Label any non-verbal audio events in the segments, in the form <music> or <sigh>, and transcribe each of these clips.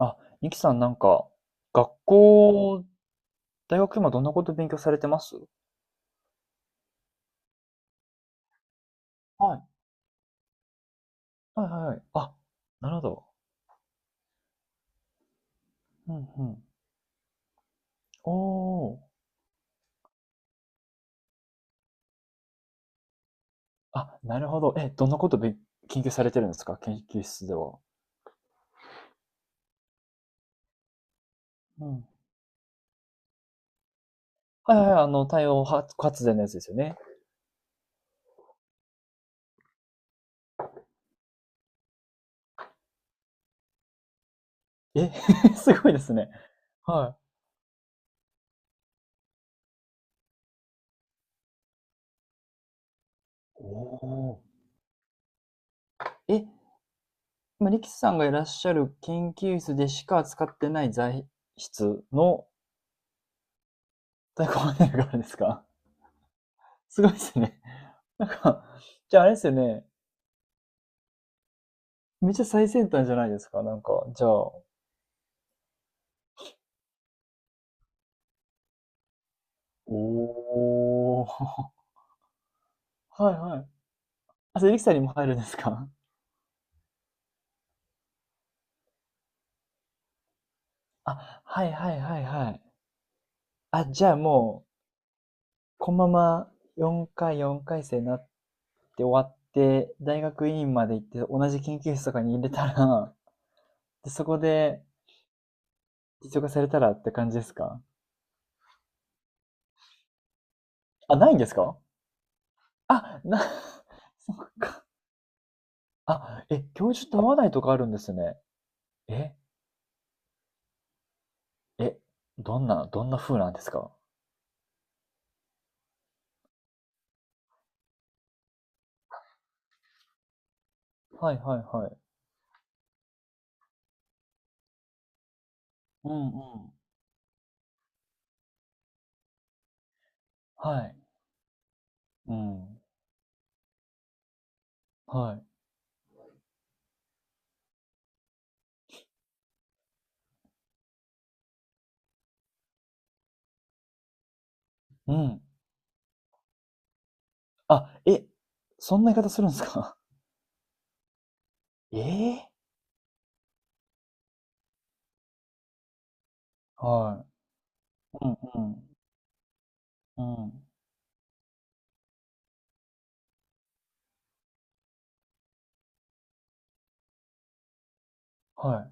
あ、ニキさんなんか、学校、大学今どんなこと勉強されてます？はい。はいはいはい。あ、なるほど。うんうん。おー。あ、なるほど。え、どんなこと研究されてるんですか、研究室では？うん。はいはいはい、あの、太陽発電のやつですよね。え、<laughs> すごいですね。はい。おー。え、今、力士さんがいらっしゃる研究室でしか使ってない材質の太鼓判ネルがあるんですか？すごいですね。<laughs> なんか、じゃああれですよね。めっちゃ最先端じゃないですか。なんか、じゃあ。おー。<laughs> はいはい。あ、それ、リキさんにも入るんですか？あ、はいはいはいはい。あ、じゃあもう、このまま4回生になって終わって、大学院まで行って、同じ研究室とかに入れたら、<laughs> で、そこで実用化されたらって感じですか？あ、ないんですか？あ、な、<laughs> そっか。あ、え、教授と合わないとかあるんですね。え、え、どんな風なんですか？はいはいはい。うんうん。はい。うん。はい。うん。あ、え、そんな言い方するんですか？<laughs> ええ。はい。うんうん。うん。は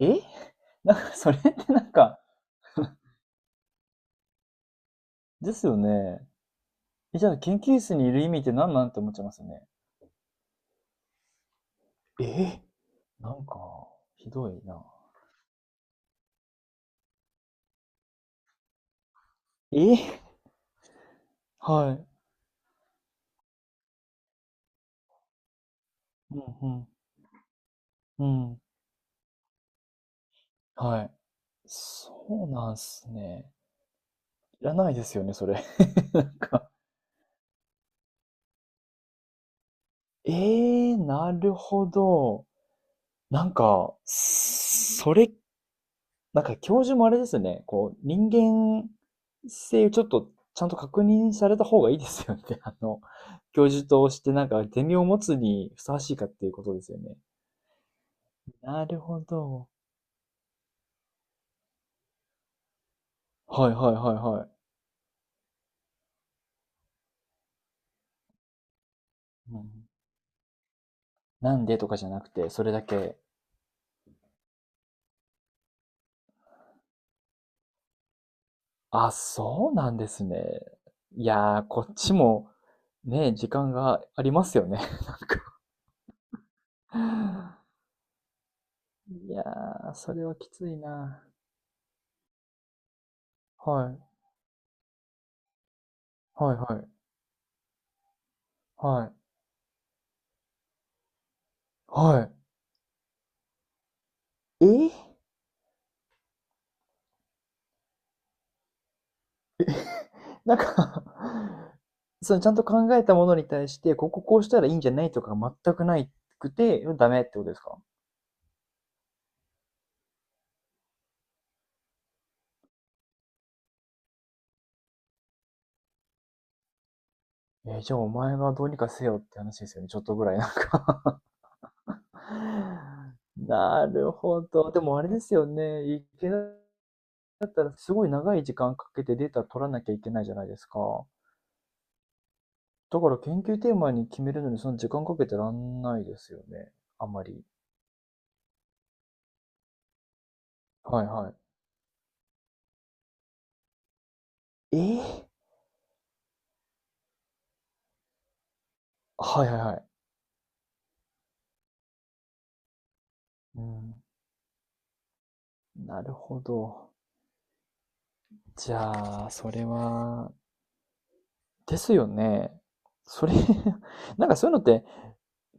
い。え？<laughs> なんかそれってなんか、ですよね。え、じゃあ研究室にいる意味って何なんって思っちゃいますよね。えなんかひどいな。ええ、はい。うんうん。うん。はい。そうなんすね。いらないですよね、それ。<laughs> なんか、なるほど。なんか、それ、なんか教授もあれですね、こう、人間性をちょっとちゃんと確認された方がいいですよね。<laughs> あの、教授としてなんかゼミを持つにふさわしいかっていうことですよね。なるほど。はいはいはいはい。うん、なんでとかじゃなくて、それだけ、あ、そうなんですね。いやー、こっちもね、時間がありますよね。いやー、それはきついな。はい。はいはい。はい。はい。なんか <laughs> そのちゃんと考えたものに対して、こここうしたらいいんじゃないとか全くないくて、ダメってことですか？じゃあお前がどうにかせよって話ですよね。ちょっとぐらいなんか <laughs> なるほど。でもあれですよね。いけなかったらすごい長い時間かけてデータ取らなきゃいけないじゃないですか。だから研究テーマに決めるのにそんな時間かけてらんないですよね。あんまり。はいはい。ええ、はいはいはい。うん。なるほど。じゃあ、それは、ですよね。それ、 <laughs> なんかそういうのって、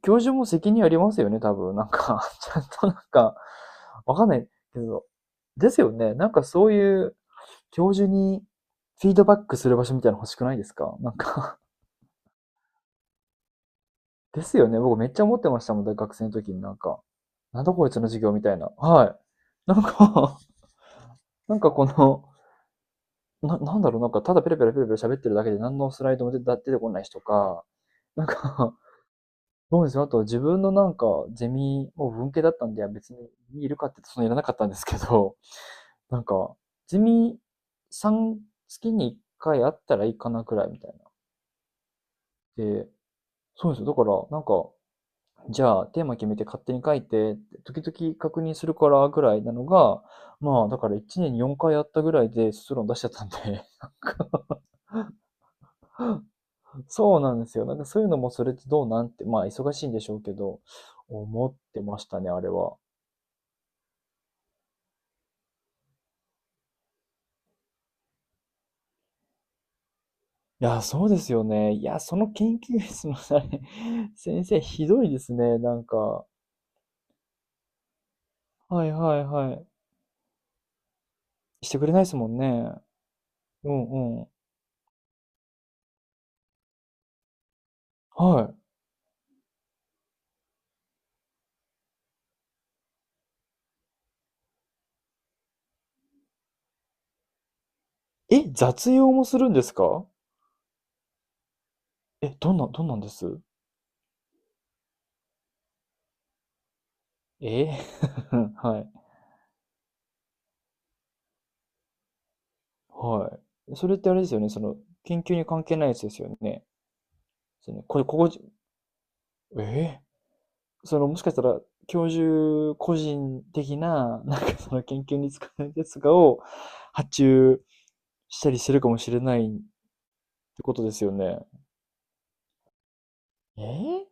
教授も責任ありますよね、多分。なんか <laughs> ちゃんとなんか、わかんないけど。ですよね。なんかそういう教授にフィードバックする場所みたいなの欲しくないですか？なんか、ですよね。僕めっちゃ思ってましたもん、大学生の時になんか、なんだこいつの授業みたいな。はい。なんか <laughs> なんかこの、なんだろう、なんかただペラペラペラペラ喋ってるだけで何のスライドも出てこない人とか、なんかど <laughs> うですよ。あと自分のなんかゼミ、もう文系だったんで、別にいるかって言うとそのいらなかったんですけど、なんか、ゼミさん月に1回あったらいいかなくらいみたいな。で、そうですよ。だから、なんか、じゃあ、テーマ決めて勝手に書いて時々確認するからぐらいなのが、まあ、だから1年に4回やったぐらいで卒論出しちゃったんで、<laughs> なんかそうなんですよ。なんかそういうのもそれってどうなんて、まあ、忙しいんでしょうけど、思ってましたね、あれは。いや、そうですよね。いや、その研究室のあれ、<laughs> 先生ひどいですね、なんか。はいはいはい。してくれないですもんね。うんうん。はい。え、雑用もするんですか？え、どんなんです？ええ <laughs> はい。はい。それってあれですよね、その、研究に関係ないやつですよね。その、これ、ここじ、ええ、その、もしかしたら、教授個人的な、<laughs> なんかその研究に使うやつがを発注したりするかもしれないってことですよね。ええ、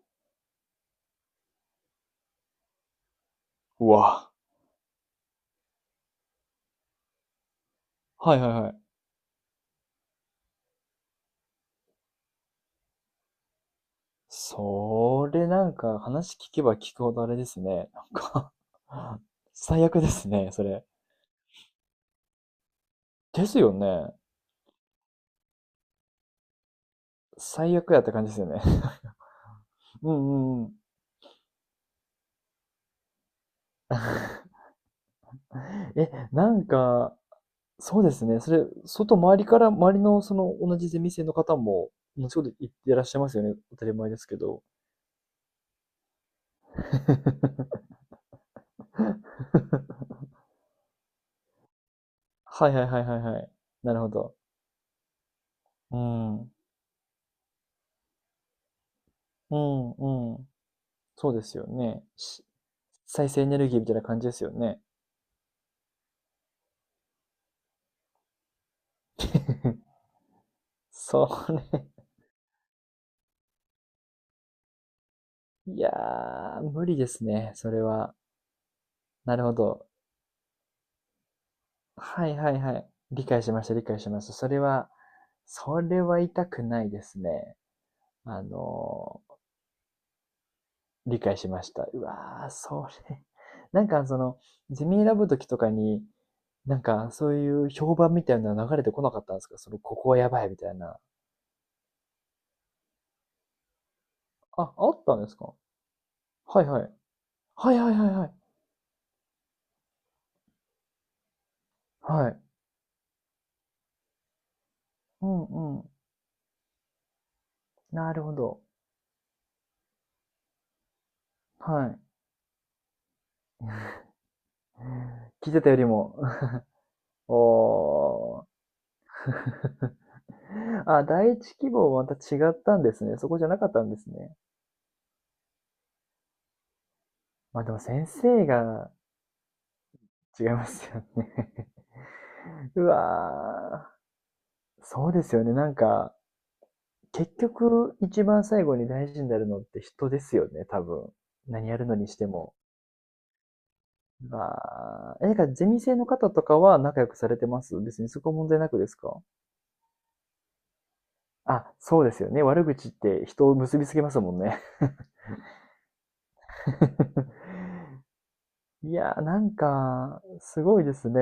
うわ。はいはいはい。それなんか話聞けば聞くほどあれですね。なんか <laughs> 最悪ですね、それ。ですよね。最悪やった感じですよね。うんうんうん。<laughs> え、なんか、そうですね。それ、外周りから、周りのその同じゼミ生の方も、同じこと言ってらっしゃいますよね。当たり前ですけど。<laughs> はいはいはいはいはい。なるほど。うん。うんうん。そうですよね。再生エネルギーみたいな感じですよね。<laughs> それ、いやー、無理ですね。それは。なるほど。はいはいはい。理解しました、理解しました。それは、それは痛くないですね。あの、理解しました。うわー、それ。<laughs> なんかその、ゼミ選ぶときとかに、なんかそういう評判みたいなの流れてこなかったんですか？その、ここはやばいみたいな。あ、あったんですか？はいはい。はいはいはいはい。はい。うんうん。なるほど。はい。<laughs> 聞いてたよりも。<laughs> おー。あ、第一希望はまた違ったんですね。そこじゃなかったんですね。まあでも先生が違いますよね。<laughs> うわー、そうですよね。なんか、結局一番最後に大事になるのって人ですよね、多分。何やるのにしても。うわ、え、なんからゼミ生の方とかは仲良くされてます？別にそこは問題なくですか？あ、そうですよね。悪口って人を結びつけますもんね。<laughs> いやー、なんか、すごいですね。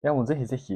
や、もうぜひぜひ、